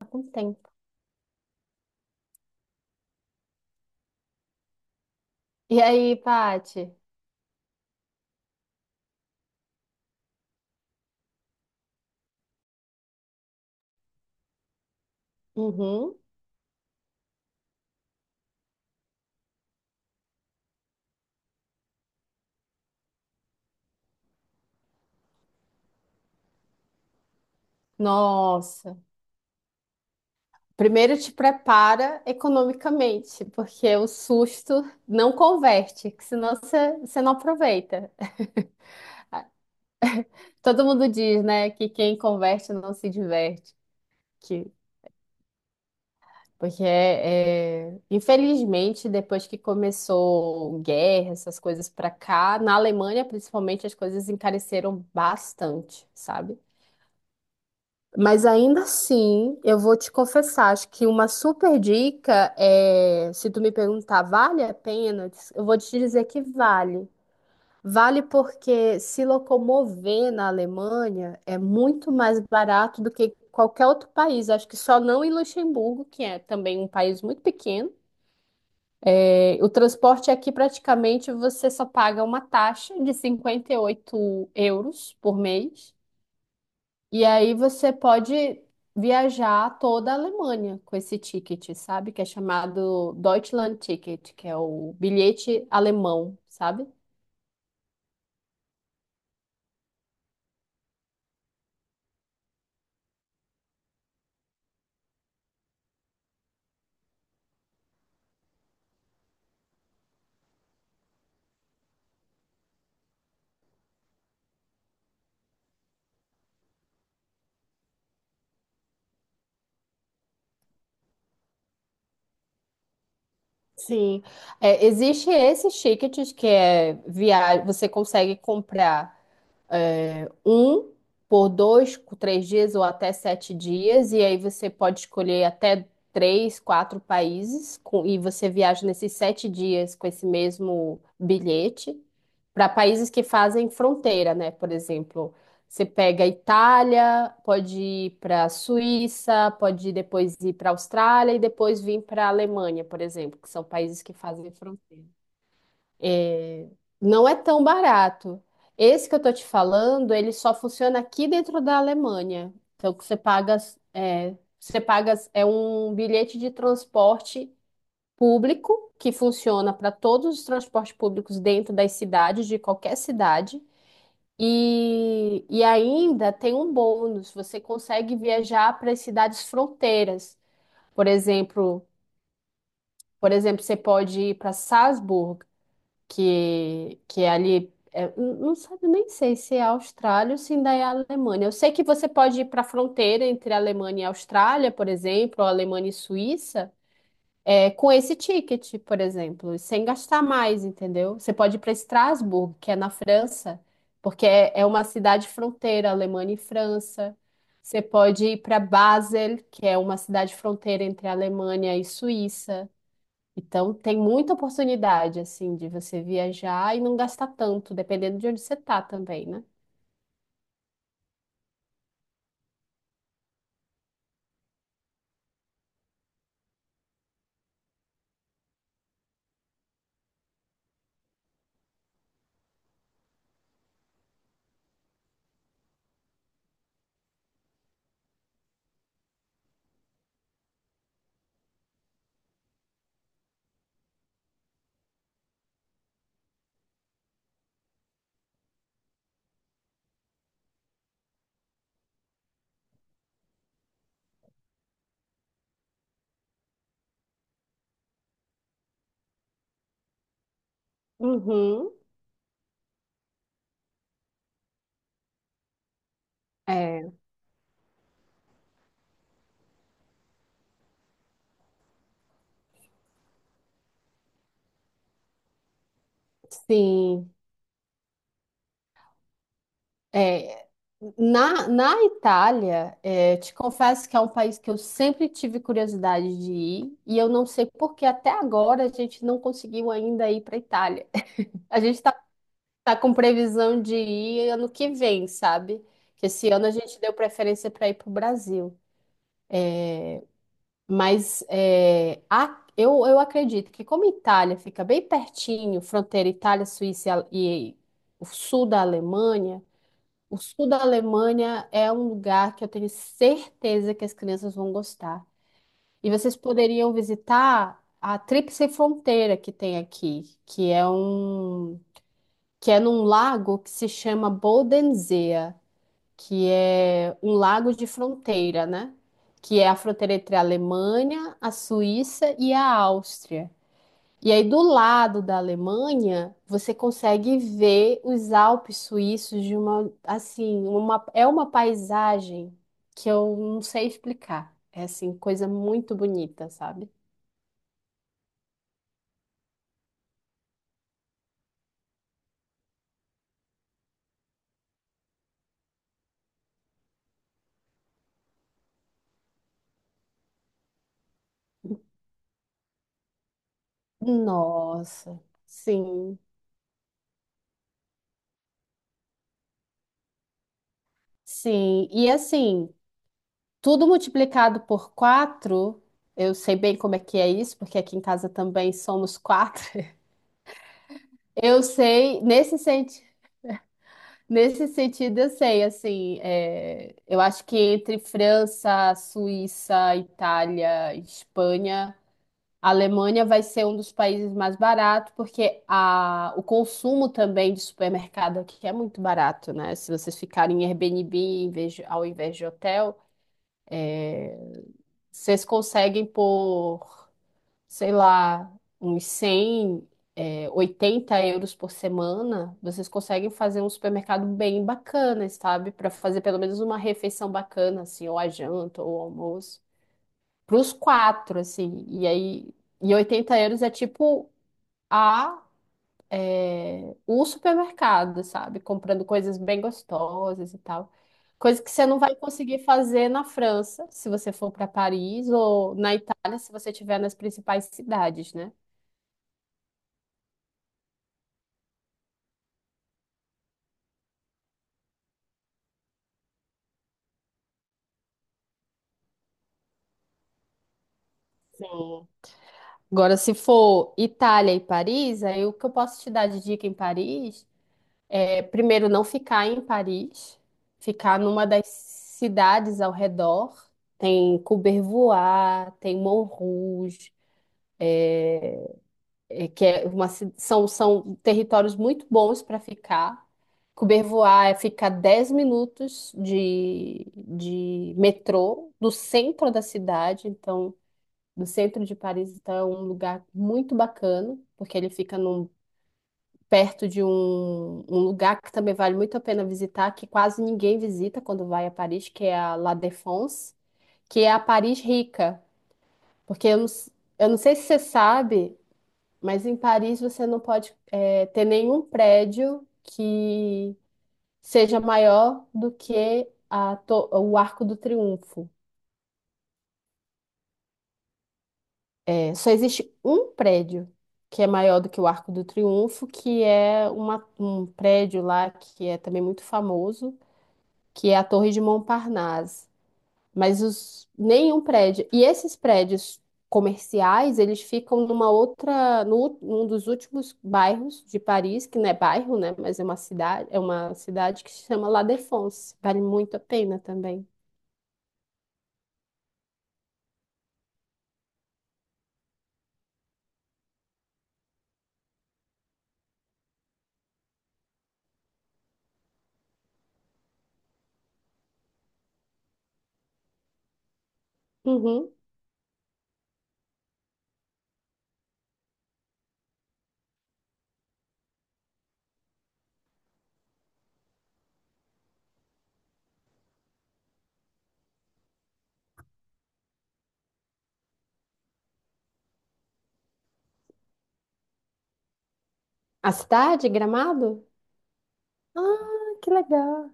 Tá com tempo. E aí, Paty? Uhum. Nossa. Primeiro te prepara economicamente, porque o susto não converte, que senão você não aproveita. Todo mundo diz, né, que quem converte não se diverte. Que, porque, é, é, Infelizmente, depois que começou guerra, essas coisas pra cá, na Alemanha, principalmente, as coisas encareceram bastante, sabe? Mas ainda assim, eu vou te confessar, acho que uma super dica é, se tu me perguntar, vale a pena? Eu vou te dizer que vale. Vale porque se locomover na Alemanha é muito mais barato do que qualquer outro país. Acho que só não em Luxemburgo, que é também um país muito pequeno. É, o transporte aqui praticamente você só paga uma taxa de 58 euros por mês. E aí você pode viajar toda a Alemanha com esse ticket, sabe? Que é chamado Deutschland Ticket, que é o bilhete alemão, sabe? Sim. É, existe esse ticket que é via... você consegue comprar um por dois, três dias ou até sete dias, e aí você pode escolher até três, quatro países, e você viaja nesses sete dias com esse mesmo bilhete para países que fazem fronteira, né? Por exemplo, você pega a Itália, pode ir para a Suíça, pode ir depois ir para a Austrália e depois vir para a Alemanha, por exemplo, que são países que fazem fronteira. É, não é tão barato. Esse que eu tô te falando, ele só funciona aqui dentro da Alemanha. Então, que você paga é um bilhete de transporte público que funciona para todos os transportes públicos dentro das cidades, de qualquer cidade. E ainda tem um bônus, você consegue viajar para as cidades fronteiras. Por exemplo, por exemplo, você pode ir para Salzburg que é ali. É, não sabe, nem sei se é Austrália ou se ainda é Alemanha. Eu sei que você pode ir para a fronteira entre Alemanha e Austrália, por exemplo, ou Alemanha e Suíça, é, com esse ticket, por exemplo, sem gastar mais, entendeu? Você pode ir para Estrasburgo, que é na França, porque é, é uma cidade fronteira, Alemanha e França. Você pode ir para Basel, que é uma cidade fronteira entre Alemanha e Suíça. Então, tem muita oportunidade, assim, de você viajar e não gastar tanto, dependendo de onde você tá também, né? Uhum. É, sim. É, na, na Itália, é, te confesso que é um país que eu sempre tive curiosidade de ir, e eu não sei por que até agora a gente não conseguiu ainda ir para Itália. A gente tá, tá com previsão de ir ano que vem, sabe? Que esse ano a gente deu preferência para ir para o Brasil. Mas é, eu acredito que como Itália fica bem pertinho, fronteira Itália, Suíça e, e o sul da Alemanha, o sul da Alemanha é um lugar que eu tenho certeza que as crianças vão gostar. E vocês poderiam visitar a Tríplice Fronteira que tem aqui, que é um que é num lago que se chama Bodensee, que é um lago de fronteira, né? Que é a fronteira entre a Alemanha, a Suíça e a Áustria. E aí, do lado da Alemanha, você consegue ver os Alpes suíços de uma, assim, uma, é uma paisagem que eu não sei explicar. É, assim, coisa muito bonita, sabe? Nossa, sim, sim. E assim, tudo multiplicado por quatro, eu sei bem como é que é isso, porque aqui em casa também somos quatro. Eu sei, nesse sentido eu sei, assim, é, eu acho que entre França, Suíça, Itália, Espanha, a Alemanha vai ser um dos países mais baratos, porque a, o consumo também de supermercado aqui é muito barato, né? Se vocês ficarem em Airbnb ao invés de hotel, vocês conseguem por sei lá, uns 100, é, 80 euros por semana, vocês conseguem fazer um supermercado bem bacana, sabe? Para fazer pelo menos uma refeição bacana, assim, ou a janta, ou o almoço. Para os quatro, assim. E aí, e 80 euros é tipo a, é, o supermercado, sabe? Comprando coisas bem gostosas e tal. Coisa que você não vai conseguir fazer na França, se você for para Paris, ou na Itália, se você estiver nas principais cidades, né? Agora, se for Itália e Paris, aí o que eu posso te dar de dica em Paris é, primeiro, não ficar em Paris, ficar numa das cidades ao redor. Tem Courbevoie, tem Montrouge, é, que é uma, são, são territórios muito bons para ficar. Courbevoie é ficar 10 minutos de metrô do centro da cidade, então do centro de Paris, então é um lugar muito bacana, porque ele fica num perto de um, um lugar que também vale muito a pena visitar, que quase ninguém visita quando vai a Paris, que é a La Défense, que é a Paris rica. Porque eu não, eu não sei se você sabe, mas em Paris você não pode, ter nenhum prédio que seja maior do que a o Arco do Triunfo. É, só existe um prédio que é maior do que o Arco do Triunfo, que é um prédio lá que é também muito famoso, que é a Torre de Montparnasse. Mas os, nenhum prédio. E esses prédios comerciais, eles ficam numa outra, no, num dos últimos bairros de Paris, que não é bairro, né? Mas é uma cidade que se chama La Défense. Vale muito a pena também. Uhum. A cidade, Gramado? Ah, que legal.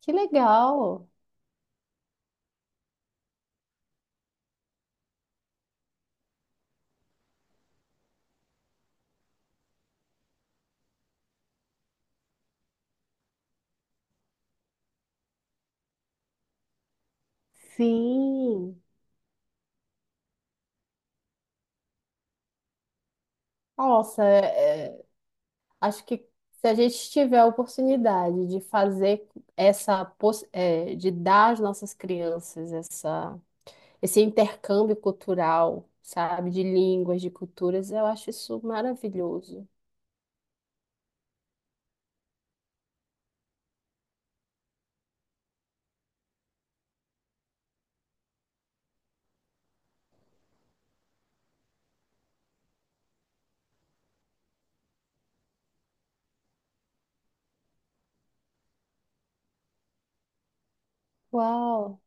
Que legal. Sim. Nossa, acho que se a gente tiver a oportunidade de fazer essa, de dar às nossas crianças essa, esse intercâmbio cultural, sabe, de línguas, de culturas, eu acho isso maravilhoso. Uau,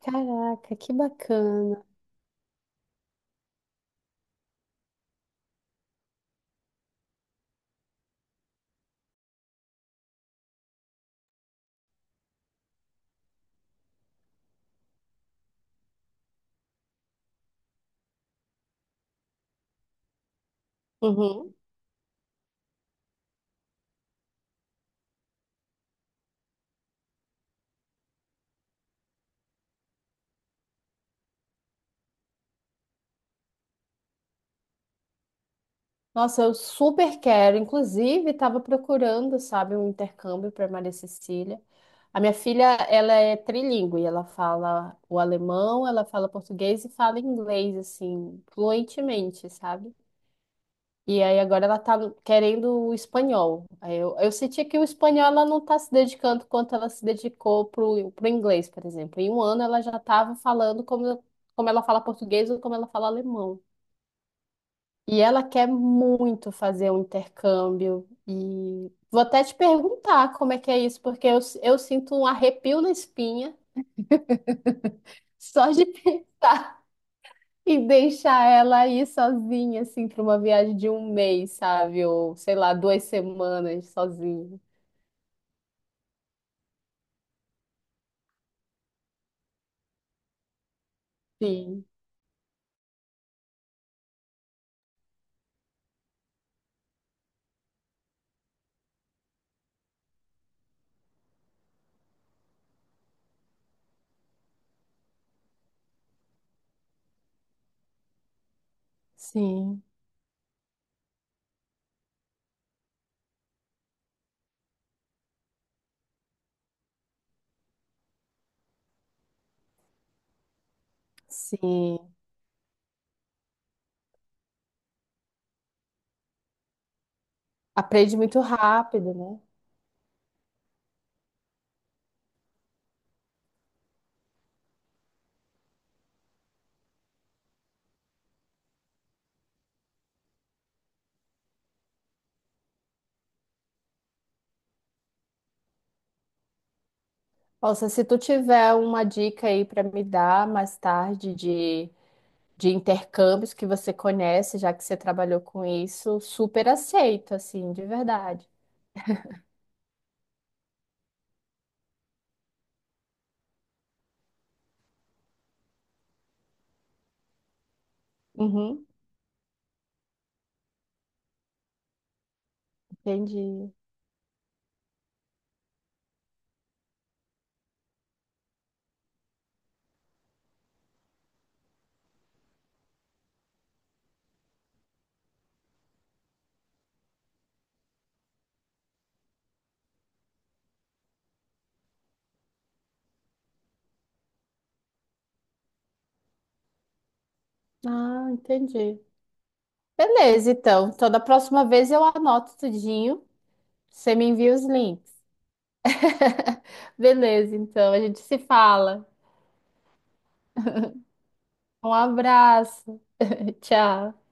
caraca, que bacana. Uhum. Nossa, eu super quero. Inclusive, estava procurando, sabe, um intercâmbio para Maria Cecília. A minha filha, ela é trilingue, ela fala o alemão, ela fala português e fala inglês, assim, fluentemente, sabe? E aí agora ela tá querendo o espanhol. Aí eu senti que o espanhol ela não tá se dedicando quanto ela se dedicou pro inglês, por exemplo. Em um ano ela já estava falando como, como ela fala português ou como ela fala alemão. E ela quer muito fazer um intercâmbio. E vou até te perguntar como é que é isso, porque eu sinto um arrepio na espinha só de pensar em deixar ela aí sozinha, assim, para uma viagem de 1 mês, sabe? Ou sei lá, 2 semanas sozinha. Sim, sim, sim. Aprende muito rápido, né? Nossa, se tu tiver uma dica aí para me dar mais tarde de intercâmbios que você conhece, já que você trabalhou com isso, super aceito, assim, de verdade. Uhum, entendi. Ah, entendi. Beleza, então. Então, da próxima vez eu anoto tudinho. Você me envia os links. Beleza, então. A gente se fala. Um abraço. Tchau.